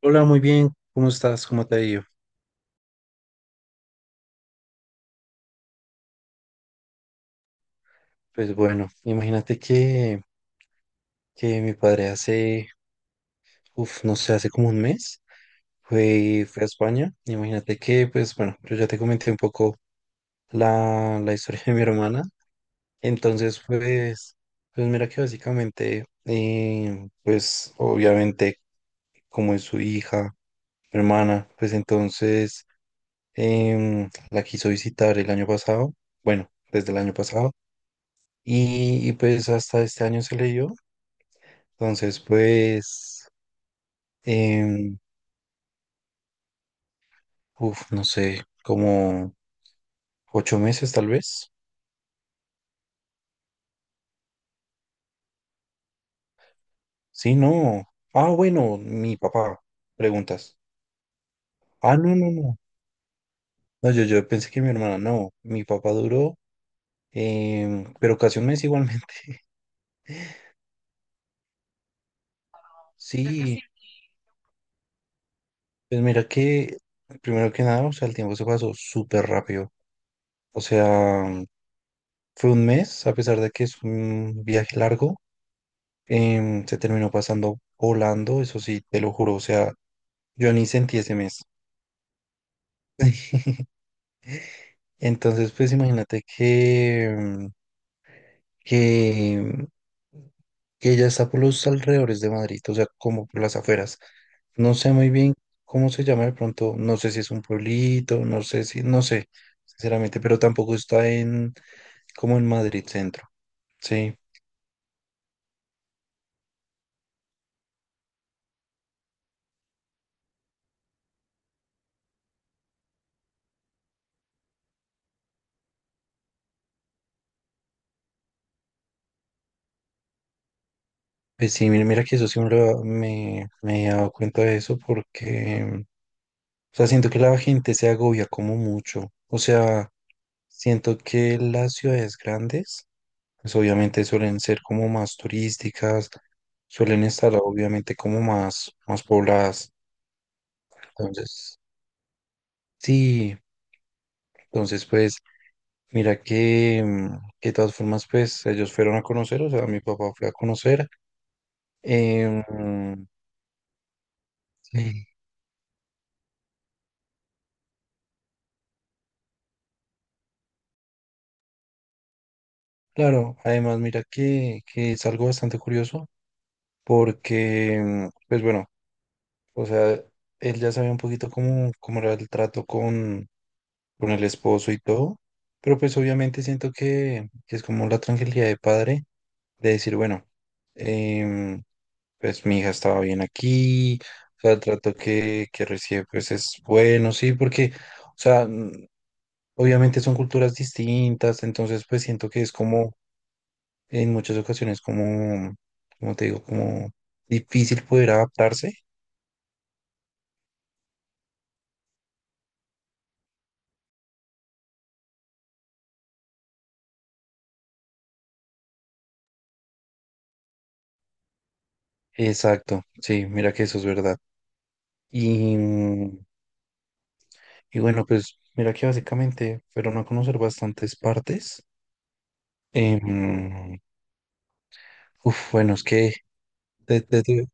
Hola, muy bien. ¿Cómo estás? ¿Cómo te ha ido? Pues bueno, imagínate que mi padre hace, no sé, hace como un mes fue a España. Imagínate que, pues bueno, yo ya te comenté un poco la historia de mi hermana. Entonces, pues, pues mira que básicamente, pues obviamente, como es su hija, mi hermana, pues entonces la quiso visitar el año pasado, bueno, desde el año pasado. Y pues hasta este año se le dio. Entonces, pues, em, no sé, como 8 meses tal vez. Sí, no. Ah, bueno, mi papá, preguntas. Ah, no, no, no. No, yo pensé que mi hermana, no. Mi papá duró, pero casi un mes igualmente. Sí, pues mira que, primero que nada, o sea, el tiempo se pasó súper rápido. O sea, fue un mes, a pesar de que es un viaje largo, se terminó pasando volando, eso sí, te lo juro, o sea. Yo ni sentí ese mes. Entonces, pues imagínate que, que, que ella está por los alrededores de Madrid, o sea, como por las afueras. No sé muy bien cómo se llama de pronto, no sé si es un pueblito, no sé si, no sé, sinceramente, pero tampoco está en, como en Madrid centro. Sí, pues sí, mira que eso sí me he dado cuenta de eso porque, o sea, siento que la gente se agobia como mucho. O sea, siento que las ciudades grandes pues obviamente suelen ser como más turísticas, suelen estar obviamente como más, más pobladas. Entonces, sí, entonces pues mira que, que de todas formas pues ellos fueron a conocer, o sea, mi papá fue a conocer. em, sí, claro, además mira que es algo bastante curioso porque, pues bueno, o sea, él ya sabía un poquito cómo, cómo era el trato con el esposo y todo, pero pues obviamente siento que es como la tranquilidad de padre de decir, bueno, em, pues mi hija estaba bien aquí, o sea, el trato que recibe pues es bueno, sí, porque, o sea, obviamente son culturas distintas, entonces pues siento que es como en muchas ocasiones como, como te digo, como difícil poder adaptarse. Exacto, sí, mira que eso es verdad. Y, mm, Y bueno, pues mira que básicamente fueron a conocer bastantes partes. Em, bueno, es que de- de- de-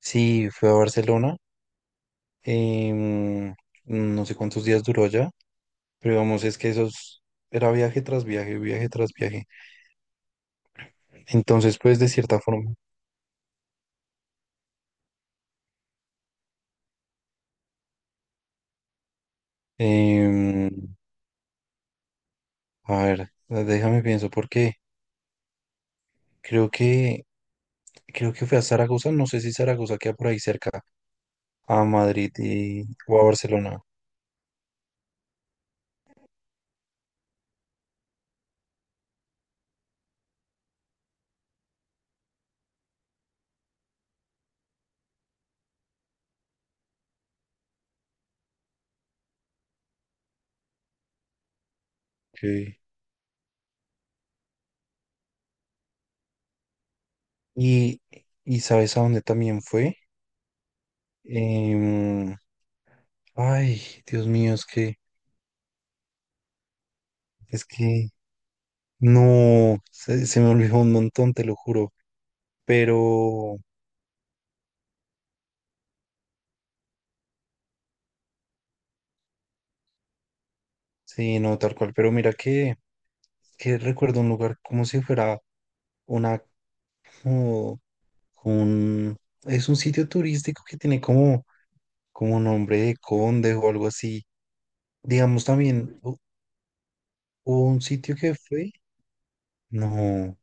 sí, fue a Barcelona. em, no sé cuántos días duró allá, pero vamos, es que esos era viaje tras viaje, viaje tras viaje. Entonces, pues de cierta forma, em, a ver, déjame pienso, porque creo que creo que fue a Zaragoza, no sé si Zaragoza queda por ahí cerca, a Madrid y, o a Barcelona. Ok. Y, y ¿sabes a dónde también fue? Em, ay, Dios mío, es que, no, se me olvidó un montón, te lo juro. Pero, sí, no, tal cual. Pero mira que recuerdo un lugar como si fuera una, como, un, es un sitio turístico que tiene como, como nombre de conde o algo así. Digamos también, hubo un sitio que fue, no,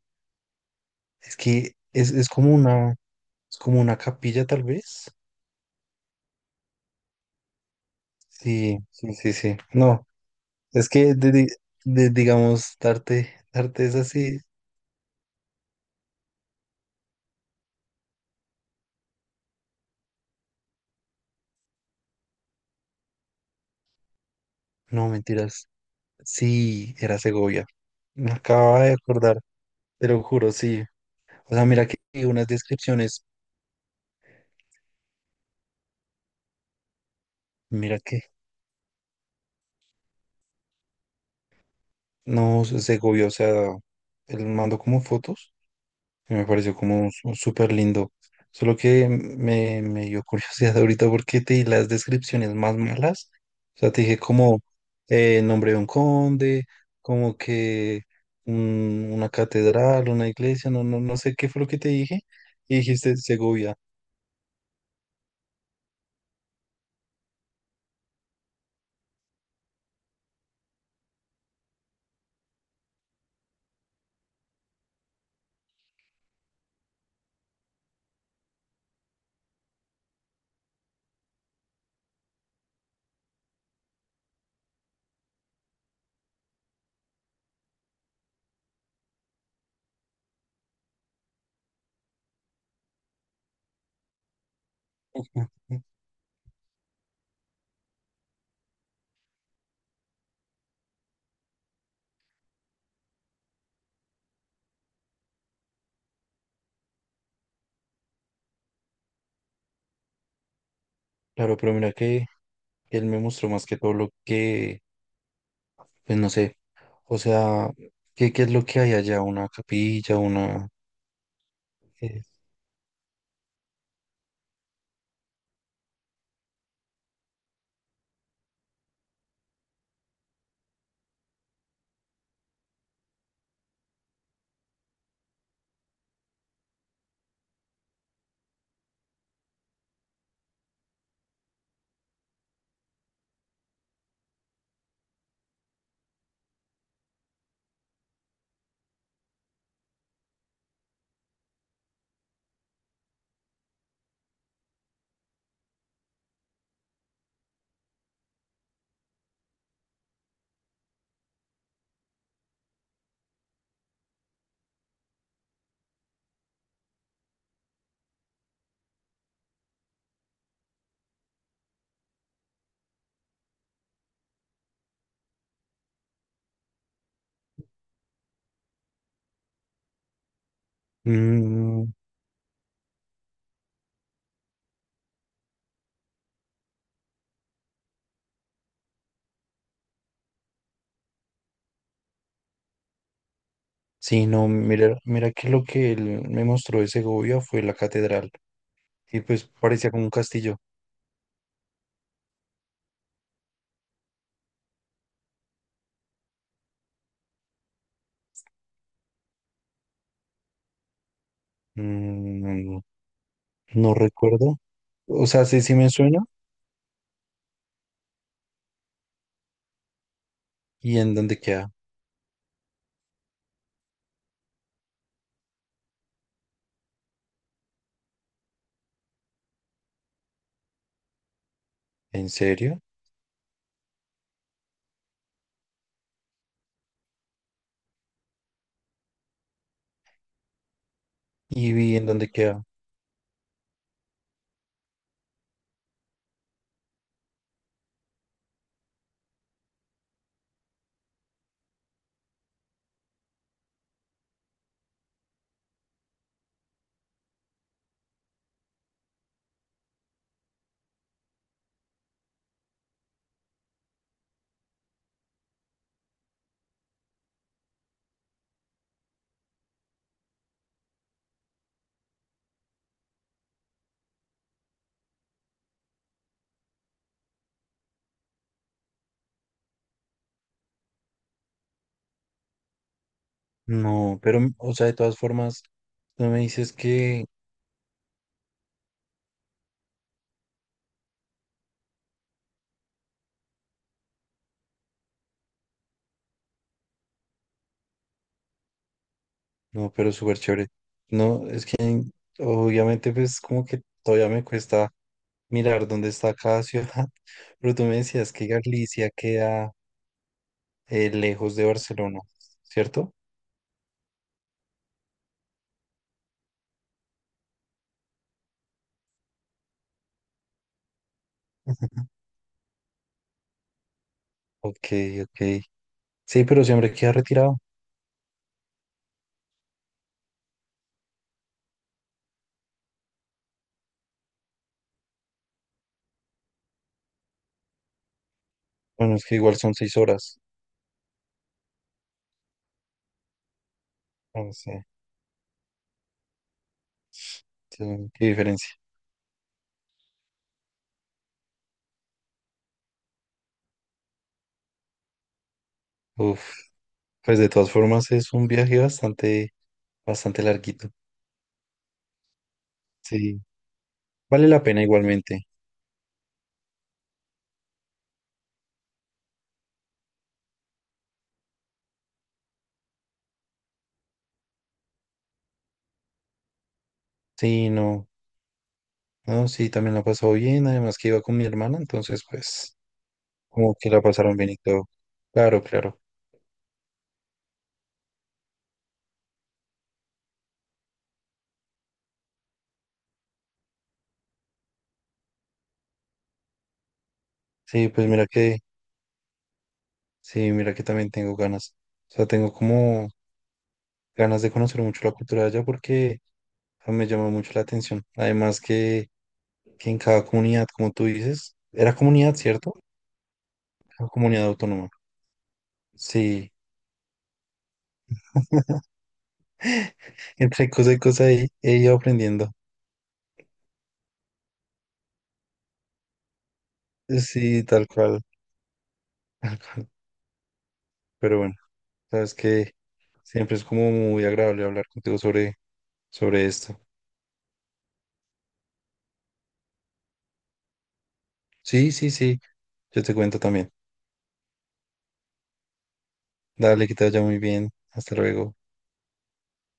es que es como una... Es como una capilla, tal vez. Sí, sí, sí, sí. No, es que, digamos, darte es así. No, mentiras. Sí, era Segovia. Me acababa de acordar, te lo juro, sí. O sea, mira que hay unas descripciones, mira que no, Segovia, o sea, él mandó como fotos. Que me pareció como súper lindo. Solo que me dio curiosidad ahorita porque te di las descripciones más malas. O sea, te dije como nombre de un conde, como que una catedral, una iglesia, no, no, no sé qué fue lo que te dije. Y dijiste Segovia. Ujú. Claro, pero mira que él me mostró más que todo lo que, pues no sé, o sea, ¿qué, qué es lo que hay allá? Una capilla, una... eh, Mm, Sí, no, mira, mira que lo que él me mostró de Segovia fue la catedral. Y pues parecía como un castillo. Mm, no recuerdo. O sea, sí, sí me suena. ¿Y en dónde queda? ¿En serio? Y vi en dónde queda. No, pero, o sea, de todas formas, no me dices que. No, pero súper chévere. No, es que obviamente, pues como que todavía me cuesta mirar dónde está cada ciudad. Pero tú me decías que Galicia queda lejos de Barcelona, ¿cierto? Ujú. Ok, ok. Sí, pero siempre queda retirado. Bueno, es que igual son 6 horas. No sé, sí, qué diferencia. Uf, pues de todas formas es un viaje bastante, bastante larguito. Sí, vale la pena igualmente. Sí, no, no, sí, también la pasó bien. Además que iba con mi hermana, entonces pues como que la pasaron bien y todo. Claro, claro. Sí, pues mira que, sí, mira que también tengo ganas. O sea, tengo como ganas de conocer mucho la cultura de allá porque o sea, me llama mucho la atención. Además que en cada comunidad, como tú dices, era comunidad, ¿cierto? Era comunidad autónoma. Sí, entre cosa y cosa he ido aprendiendo. Sí, tal cual, tal cual. Pero bueno, sabes que siempre es como muy agradable hablar contigo sobre, sobre esto. Sí, sí, sí, yo te cuento también. Dale, que te vaya muy bien. Hasta luego.